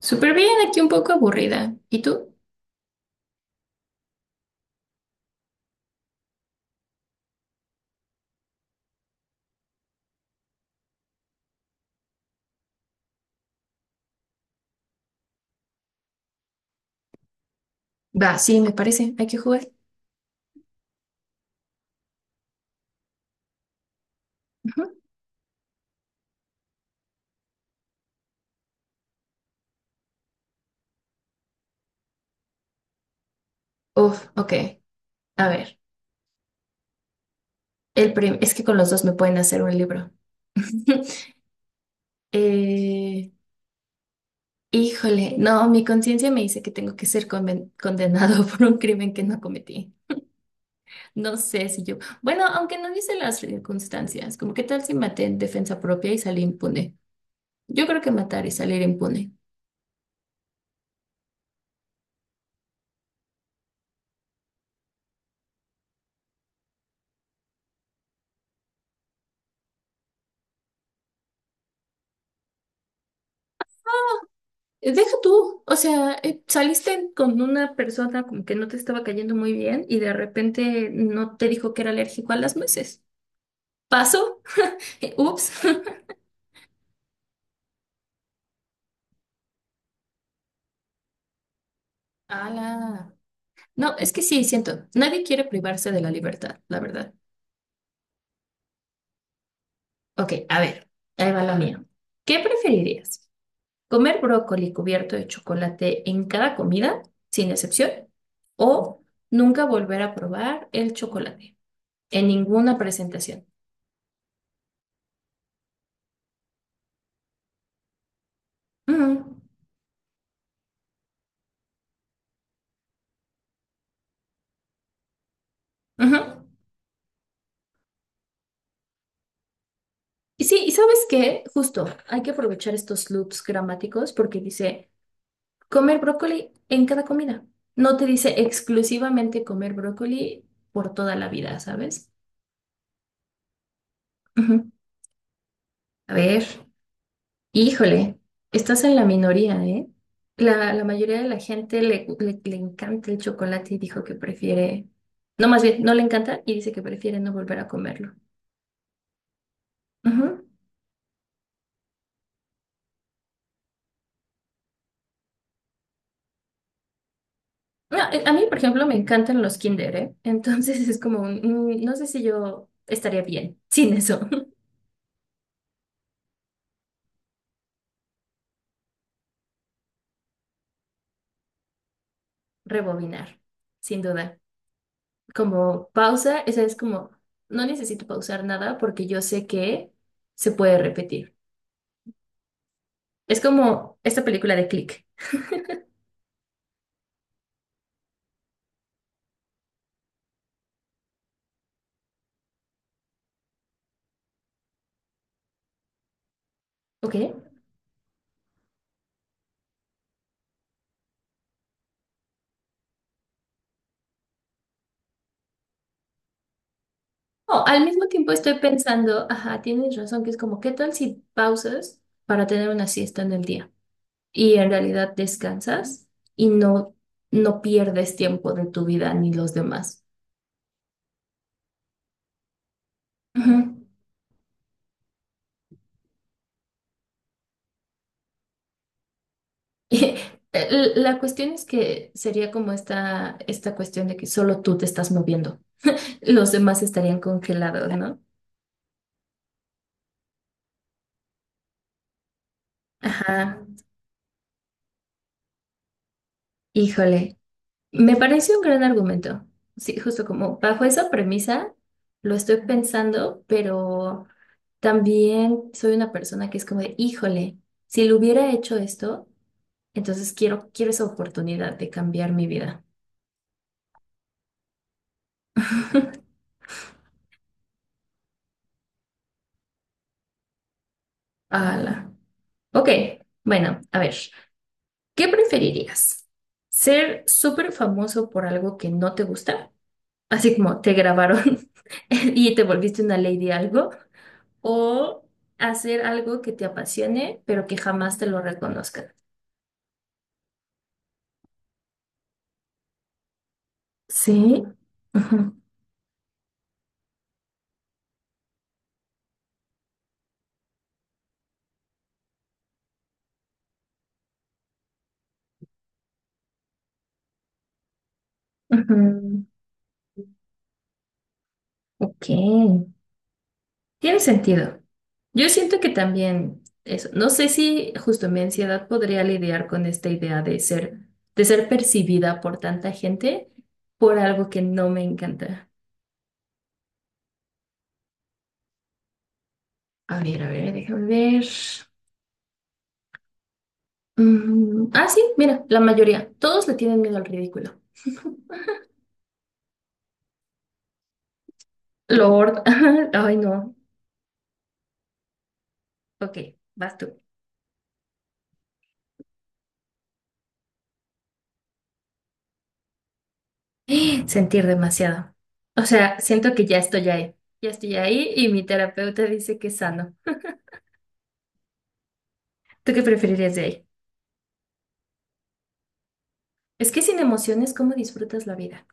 Súper bien, aquí un poco aburrida. ¿Y tú? Va, sí, me parece. Hay que jugar. Ujú. Uf, ok. A ver. Es que con los dos me pueden hacer un libro. Eh, híjole, no, mi conciencia me dice que tengo que ser condenado por un crimen que no cometí. No sé si yo. Bueno, aunque no dice las circunstancias, como qué tal si maté en defensa propia y salí impune. Yo creo que matar y salir impune. Deja tú, o sea, saliste con una persona como que no te estaba cayendo muy bien y de repente no te dijo que era alérgico a las nueces. ¿Pasó? Ups. Ala. No, es que sí, siento, nadie quiere privarse de la libertad, la verdad. Ok, a ver, ahí va la mía. ¿Qué preferirías? ¿Comer brócoli cubierto de chocolate en cada comida, sin excepción? ¿O nunca volver a probar el chocolate en ninguna presentación? Ujú, ujú. Y sí, ¿y sabes qué? Justo, hay que aprovechar estos loops gramáticos porque dice comer brócoli en cada comida. No te dice exclusivamente comer brócoli por toda la vida, ¿sabes? Ujú. A ver, híjole, estás en la minoría, ¿eh? La mayoría de la gente le encanta el chocolate y dijo que prefiere, no más bien, no le encanta y dice que prefiere no volver a comerlo. Ujú. No, a mí, por ejemplo, me encantan los Kinder, ¿eh? Entonces es como, un, no sé si yo estaría bien sin eso. Rebobinar, sin duda. Como pausa, esa es como, no necesito pausar nada porque yo sé que se puede repetir. Es como esta película de Click, ¿ok? O al mismo tiempo estoy pensando, ajá, tienes razón, que es como, ¿qué tal si pausas para tener una siesta en el día? Y en realidad descansas y no, no pierdes tiempo de tu vida ni los demás. Ajá. La cuestión es que sería como esta cuestión de que solo tú te estás moviendo. Los demás estarían congelados, ¿no? Ajá. Híjole. Me parece un gran argumento. Sí, justo como bajo esa premisa lo estoy pensando, pero también soy una persona que es como de, híjole, si lo hubiera hecho esto, entonces quiero esa oportunidad de cambiar mi vida. Ala. Ok, bueno, a ver. ¿Qué preferirías? ¿Ser súper famoso por algo que no te gusta? Así como te grabaron y te volviste una ley de algo. ¿O hacer algo que te apasione, pero que jamás te lo reconozcan? Sí. Ujú, ujú. Ok. Tiene sentido. Yo siento que también eso. No sé si justo mi ansiedad podría lidiar con esta idea de ser percibida por tanta gente por algo que no me encanta. A ver, déjame ver. Mm, ah, sí, mira, la mayoría. Todos le tienen miedo al ridículo. Lord. Ay, no. Ok, vas tú. Sentir demasiado. O sea, siento que ya estoy ahí. Ya estoy ahí y mi terapeuta dice que es sano. ¿Tú qué preferirías de ahí? Es que sin emociones, ¿cómo disfrutas la vida?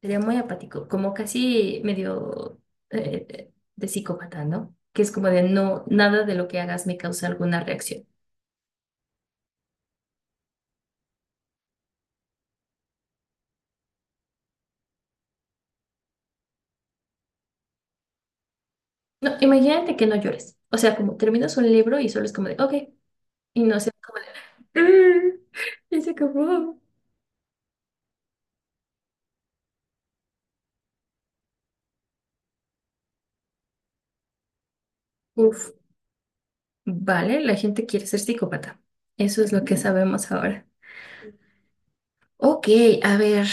Sería muy apático, como casi medio de psicópata, ¿no? Que es como de no, nada de lo que hagas me causa alguna reacción. No, imagínate que no llores. O sea, como terminas un libro y solo es como de, ok, y no se como de, "Mm, y se acabó. Uf, vale, la gente quiere ser psicópata. Eso es lo que sabemos ahora. Ok, a ver,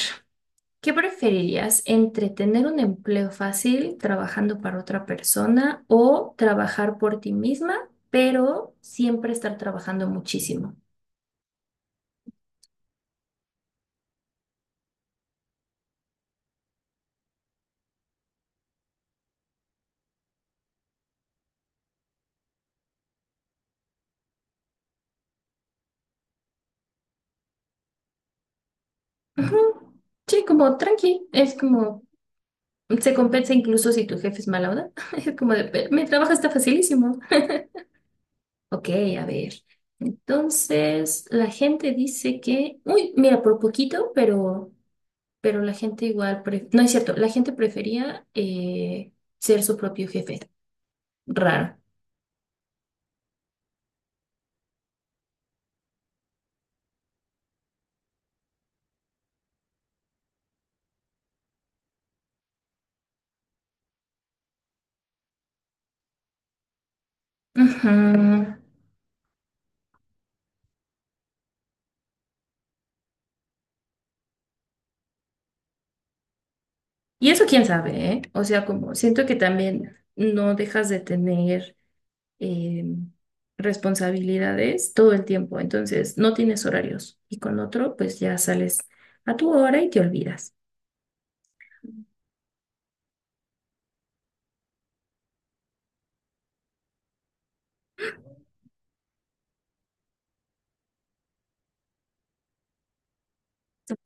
¿qué preferirías entre tener un empleo fácil trabajando para otra persona o trabajar por ti misma, pero siempre estar trabajando muchísimo? Ujú. Sí, como tranqui, es como se compensa incluso si tu jefe es mala onda. Es como de, "Pero mi trabajo está facilísimo." Ok, a ver. Entonces, la gente dice que, uy, mira, por poquito, pero la gente igual, no es cierto, la gente prefería ser su propio jefe. Raro. Ujú. Y eso quién sabe, ¿eh? O sea, como siento que también no dejas de tener eh, responsabilidades todo el tiempo. Entonces, no tienes horarios. Y con otro, pues ya sales a tu hora y te olvidas.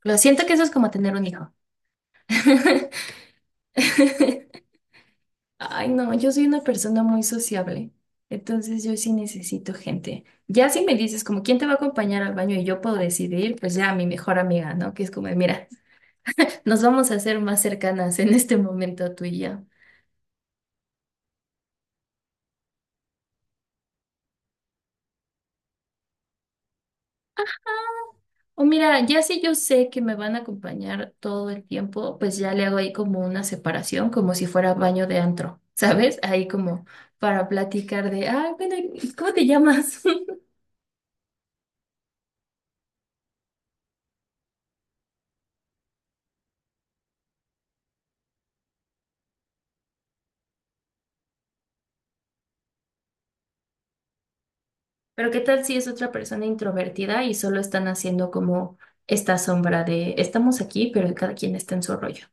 Lo siento que eso es como tener un hijo. Ay, no, yo soy una persona muy sociable, entonces yo sí necesito gente. Ya si me dices como quién te va a acompañar al baño y yo puedo decidir, pues ya mi mejor amiga, ¿no? Que es como, de, mira, nos vamos a hacer más cercanas en este momento tú y yo. O mira, ya si yo sé que me van a acompañar todo el tiempo, pues ya le hago ahí como una separación, como si fuera baño de antro, ¿sabes? Ahí como para platicar de, ah, bueno, ¿y cómo te llamas? Pero ¿qué tal si es otra persona introvertida y solo están haciendo como esta sombra de, estamos aquí, pero cada quien está en su rollo?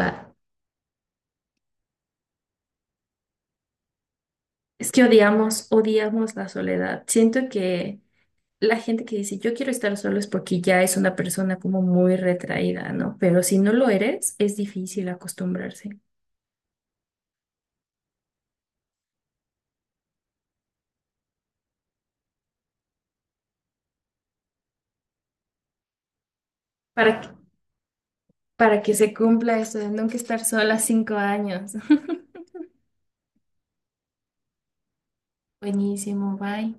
Va. Es que odiamos, odiamos la soledad. Siento que la gente que dice yo quiero estar solo es porque ya es una persona como muy retraída, ¿no? Pero si no lo eres, es difícil acostumbrarse. Para que, para que se cumpla esto de nunca estar sola 5 años. Buenísimo, bye.